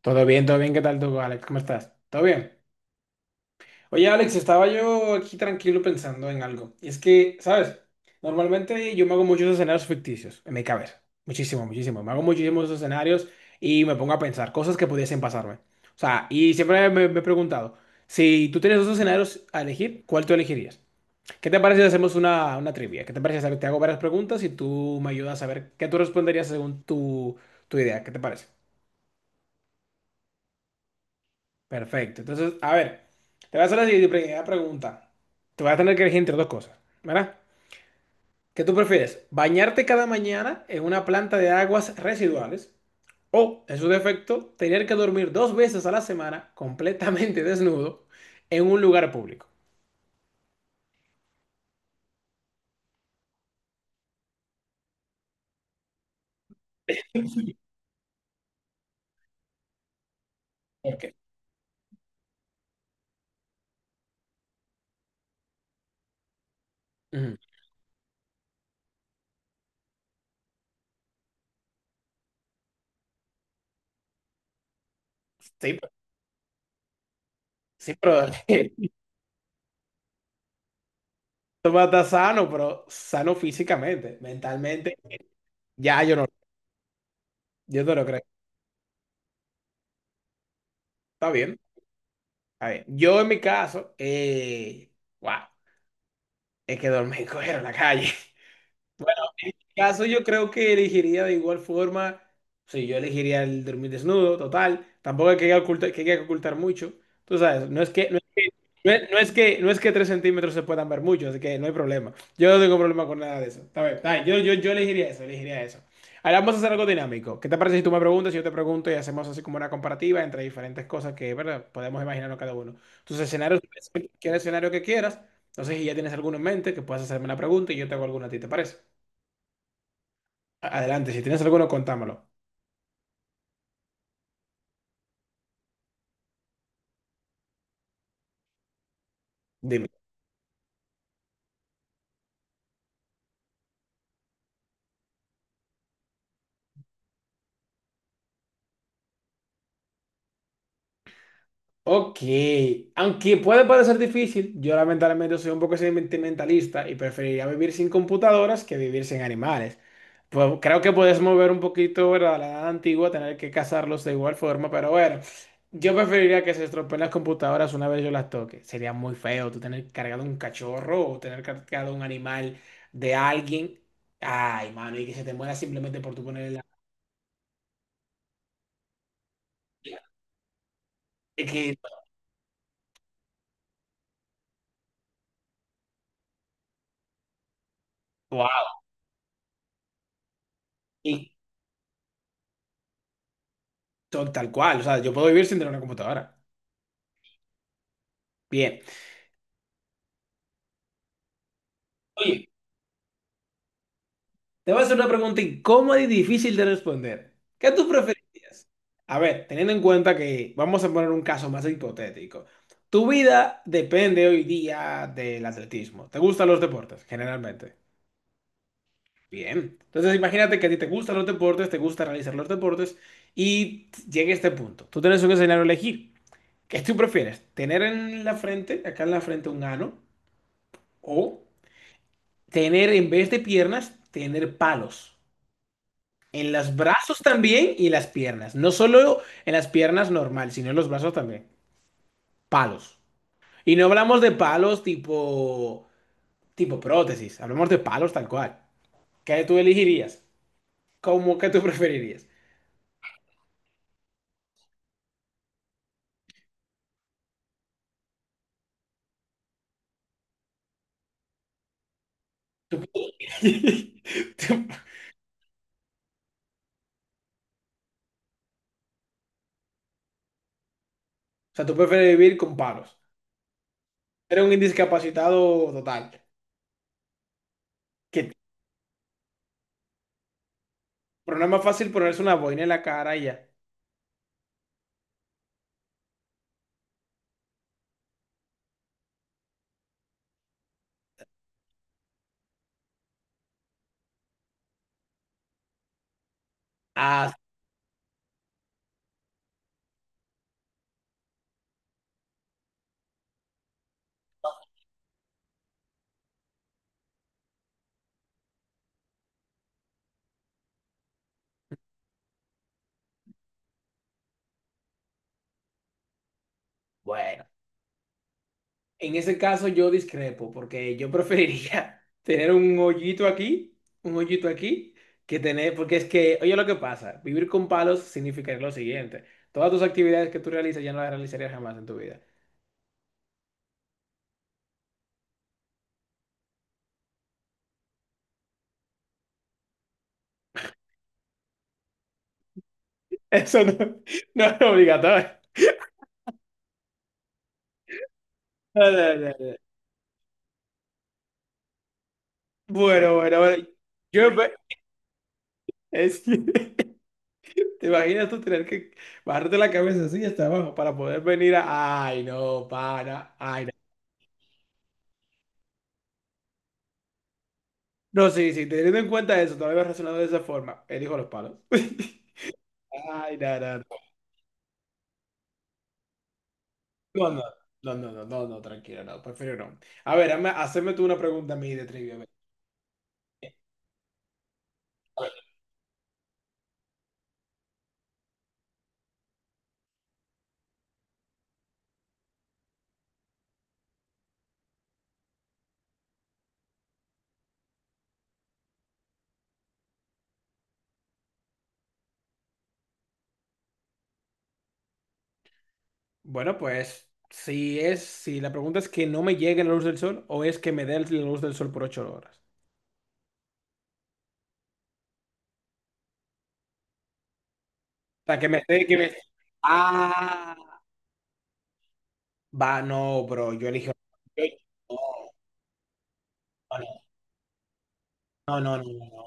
Todo bien, ¿qué tal tú, Alex? ¿Cómo estás? ¿Todo bien? Oye, Alex, estaba yo aquí tranquilo pensando en algo. Y es que, ¿sabes? Normalmente yo me hago muchos escenarios ficticios en mi cabeza. Muchísimo, muchísimo. Me hago muchísimos escenarios y me pongo a pensar cosas que pudiesen pasarme. O sea, y siempre me he preguntado, si tú tienes dos escenarios a elegir, ¿cuál tú elegirías? ¿Qué te parece si hacemos una trivia? ¿Qué te parece si te hago varias preguntas y tú me ayudas a ver qué tú responderías según tu idea? ¿Qué te parece? Perfecto. Entonces, a ver, te voy a hacer la siguiente primera pregunta. Te voy a tener que elegir entre dos cosas, ¿verdad? ¿Qué tú prefieres? ¿Bañarte cada mañana en una planta de aguas residuales o, en su defecto, tener que dormir dos veces a la semana completamente desnudo en un lugar público? ¿Qué? Ujú. Sí, pero- sí, pero tú vas a estar sano, pero sano físicamente, mentalmente. Ya, yo no lo creo. Está bien, está bien. Yo en mi caso, wow. Es que dormí y cogieron la calle. Bueno, en mi caso yo creo que elegiría de igual forma, sí, yo elegiría el dormir desnudo, total, tampoco hay que ocultar, que hay que ocultar mucho, tú sabes, no es que 3 centímetros se puedan ver mucho, así que no hay problema, yo no tengo problema con nada de eso, está bien, yo elegiría eso, elegiría eso. Ahora vamos a hacer algo dinámico. ¿Qué te parece si tú me preguntas y yo te pregunto y hacemos así como una comparativa entre diferentes cosas que, ¿verdad? Podemos imaginarnos cada uno. Tus escenarios, cualquier escenario que quieras. No sé si ya tienes alguno en mente que puedas hacerme la pregunta y yo te hago alguna a ti, ¿te parece? Adelante, si tienes alguno, contámelo. Dime. Ok, aunque puede parecer difícil, yo lamentablemente soy un poco sentimentalista y preferiría vivir sin computadoras que vivir sin animales. Pues creo que puedes mover un poquito, ¿verdad? La edad antigua, tener que cazarlos de igual forma, pero bueno, yo preferiría que se estropeen las computadoras una vez yo las toque. Sería muy feo tú tener cargado un cachorro o tener cargado un animal de alguien. Ay, mano, y que se te muera simplemente por tú ponerle la... Es que, wow. Tal cual, o sea, yo puedo vivir sin tener una computadora. Bien. Oye, te voy a hacer una pregunta incómoda y difícil de responder. ¿Qué tú preferirías? A ver, teniendo en cuenta que vamos a poner un caso más hipotético. Tu vida depende hoy día del atletismo. ¿Te gustan los deportes, generalmente? Bien. Entonces, imagínate que a ti te gustan los deportes, te gusta realizar los deportes y llega este punto. Tú tienes un escenario a elegir. ¿Qué tú prefieres? ¿Tener en la frente, acá en la frente, un ano, o tener en vez de piernas, tener palos? En los brazos también y en las piernas. No solo en las piernas normal, sino en los brazos también. Palos. Y no hablamos de palos tipo prótesis. Hablamos de palos tal cual. ¿Qué tú elegirías? ¿Cómo que tú preferirías? O sea, tú prefieres vivir con palos. Eres un indiscapacitado total. Que, pero no es más fácil ponerse una boina en la cara y ya. Ah, bueno. En ese caso yo discrepo, porque yo preferiría tener un hoyito aquí, que tener, porque es que, oye, lo que pasa, vivir con palos significaría lo siguiente: todas tus actividades que tú realizas ya no las realizarías jamás en tu vida. Eso no, no es obligatorio. No, no, no, no. Bueno, bueno, bueno, yo ve- es que, ¿te imaginas tú tener que bajarte la cabeza así hasta abajo para poder venir a, ay, no, para, ay, no, sí, sí, teniendo en cuenta eso, no lo había razonado de esa forma? Elijo los palos. Ay, no, no, no, no, no, no, no, no, no, tranquilo, no, prefiero no. A ver, haceme tú una pregunta a mí de trivia. A ver. Bueno, pues, si la pregunta es que no me llegue la luz del sol o es que me dé la luz del sol por 8 horas. O sea, que me esté, que me... Ah, va, no, bro, yo elijo... yo- No, no, no, no, no, no, no,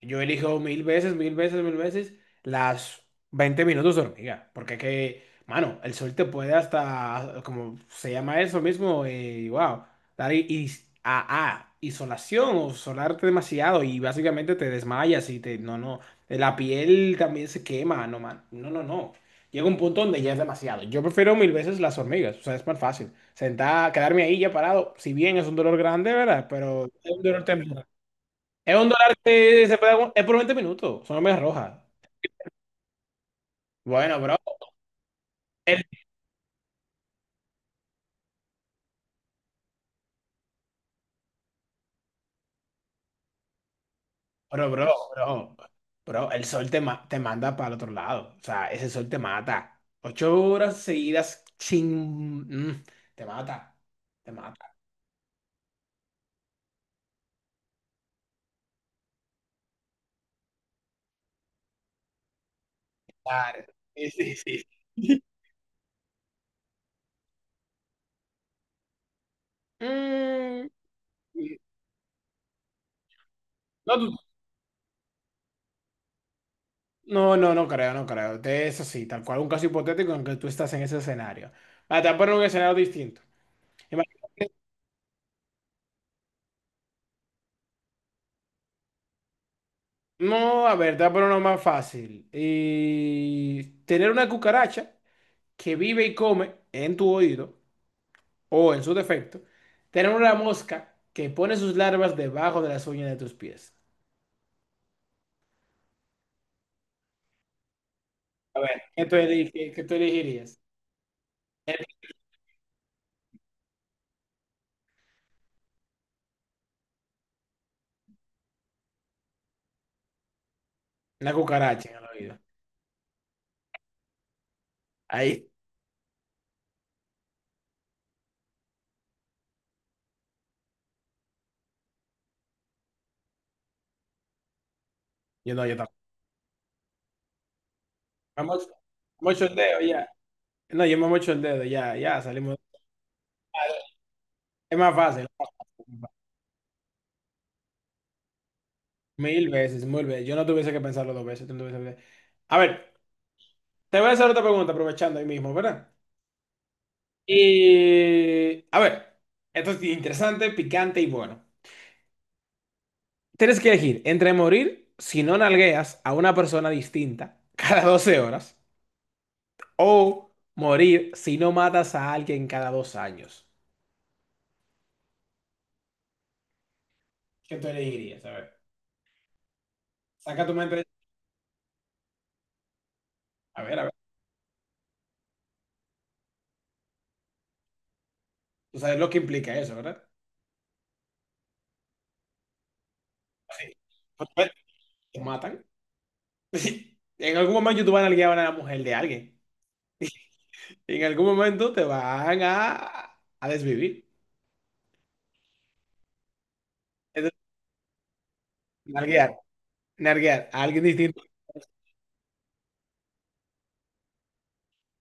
yo elijo mil veces, mil veces, mil veces las 20 minutos de hormiga, porque que, mano, el sol te puede hasta, como se llama eso mismo, wow, dar isolación o solarte demasiado y básicamente te desmayas y te, no, no, la piel también se quema, no, man, no, no, no. Llega un punto donde ya es demasiado. Yo prefiero mil veces las hormigas, o sea, es más fácil. Sentar, quedarme ahí ya parado, si bien es un dolor grande, ¿verdad? Pero es un dolor temporal. Es un dólar que se puede, es por 20 minutos. Son medias rojas. Bueno, bro. El, bro, bro, bro. Bro, el sol te, ma- te manda para el otro lado. O sea, ese sol te mata. 8 horas seguidas sin... mm, te mata. Te mata. Claro. Sí, sí, sí. Mm, no, no, no, no creo, no creo. Eso sí, tal cual, un caso hipotético en que tú estás en ese escenario. Ah, te voy a poner un escenario distinto. Imagínate. No, a ver, dámelo uno más fácil. Y tener una cucaracha que vive y come en tu oído o, en su defecto, tener una mosca que pone sus larvas debajo de las uñas de tus pies. A ver, ¿qué tú elegirías? Eh, Una cucaracha en el oído. Ahí. Yo no, yo tampoco. Me mocho el dedo ya. No, yo me mocho el dedo ya, ya salimos. Es más fácil. Mil veces, mil veces. Yo no tuviese que pensarlo dos veces. Tú no tuviese que- A ver. Te voy a hacer otra pregunta aprovechando ahí mismo, ¿verdad? Y a ver, esto es interesante, picante y bueno. Tienes que elegir entre morir si no nalgueas a una persona distinta cada 12 horas o morir si no matas a alguien cada 2 años. ¿Qué tú elegirías? A ver, saca tu mente. A ver, a ver. Tú sabes lo que implica eso, ¿verdad? Sí. Pues, a ver, te matan. En algún momento tú vas a nalguear a una mujer de alguien. En algún momento te van a desvivir. Nalguear, nalguear, a alguien distinto.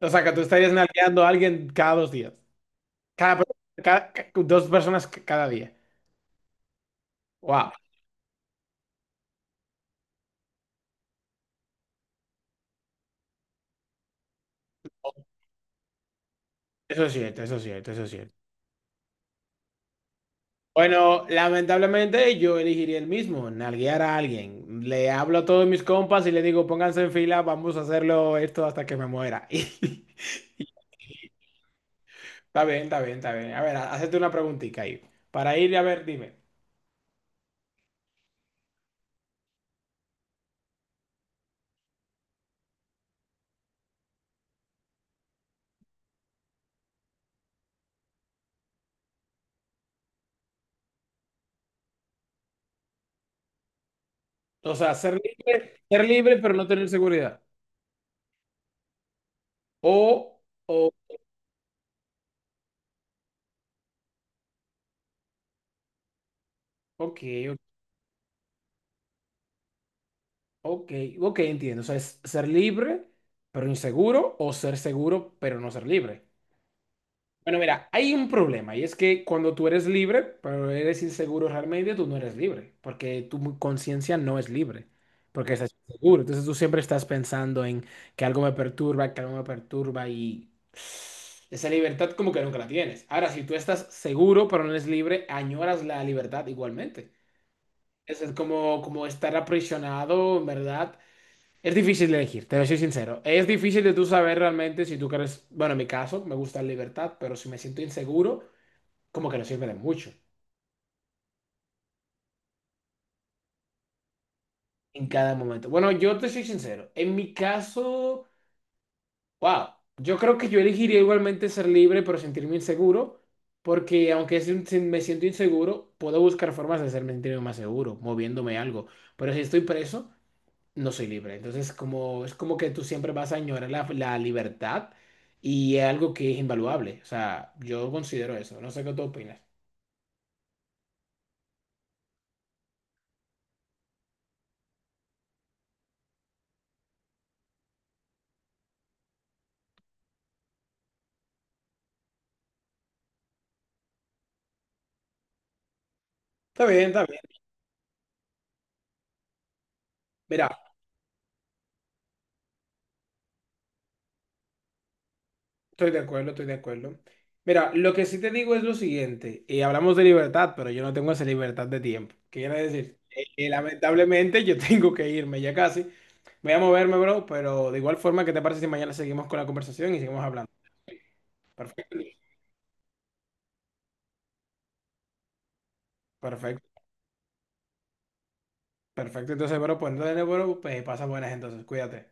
O sea, que tú estarías nalgueando a alguien cada 2 días. Cada, per- cada- ca- Dos personas cada día. Wow, eso es cierto, eso es cierto, eso es cierto. Bueno, lamentablemente yo elegiría el mismo, nalguear a alguien. Le hablo a todos mis compas y le digo, pónganse en fila, vamos a hacerlo esto hasta que me muera. Está bien, está bien, está bien. A ver, hazte una preguntita ahí. Para ir, a ver, dime. O sea, ser libre pero no tener seguridad. O, o, ok. Ok, ok, entiendo. O sea, es ser libre pero inseguro, o ser seguro pero no ser libre. Bueno, mira, hay un problema, y es que cuando tú eres libre pero eres inseguro realmente, tú no eres libre, porque tu conciencia no es libre, porque estás inseguro. Entonces tú siempre estás pensando en que algo me perturba, que algo me perturba, y esa libertad como que nunca la tienes. Ahora, si tú estás seguro pero no eres libre, añoras la libertad igualmente. Eso es como, como estar aprisionado, en verdad. Es difícil de elegir, te lo soy sincero. Es difícil de tú saber realmente si tú quieres, bueno, en mi caso, me gusta la libertad, pero si me siento inseguro, como que no sirve de mucho en cada momento. Bueno, yo te soy sincero. En mi caso, wow, yo creo que yo elegiría igualmente ser libre, pero sentirme inseguro, porque si me siento inseguro, puedo buscar formas de hacerme sentirme más seguro, moviéndome algo. Pero si estoy preso... no soy libre. Entonces, como, es como que tú siempre vas a añorar la libertad, y es algo que es invaluable. O sea, yo considero eso. No sé qué tú opinas. Está bien, está bien. Mira, estoy de acuerdo, estoy de acuerdo. Mira, lo que sí te digo es lo siguiente, y hablamos de libertad, pero yo no tengo esa libertad de tiempo. ¿Qué quiere decir? Lamentablemente yo tengo que irme ya casi. Voy a moverme, bro, pero de igual forma, ¿qué te parece si mañana seguimos con la conversación y seguimos hablando? Perfecto, perfecto, perfecto. Entonces, bro, pues pasa buenas entonces, cuídate.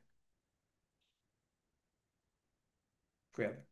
Cuídate.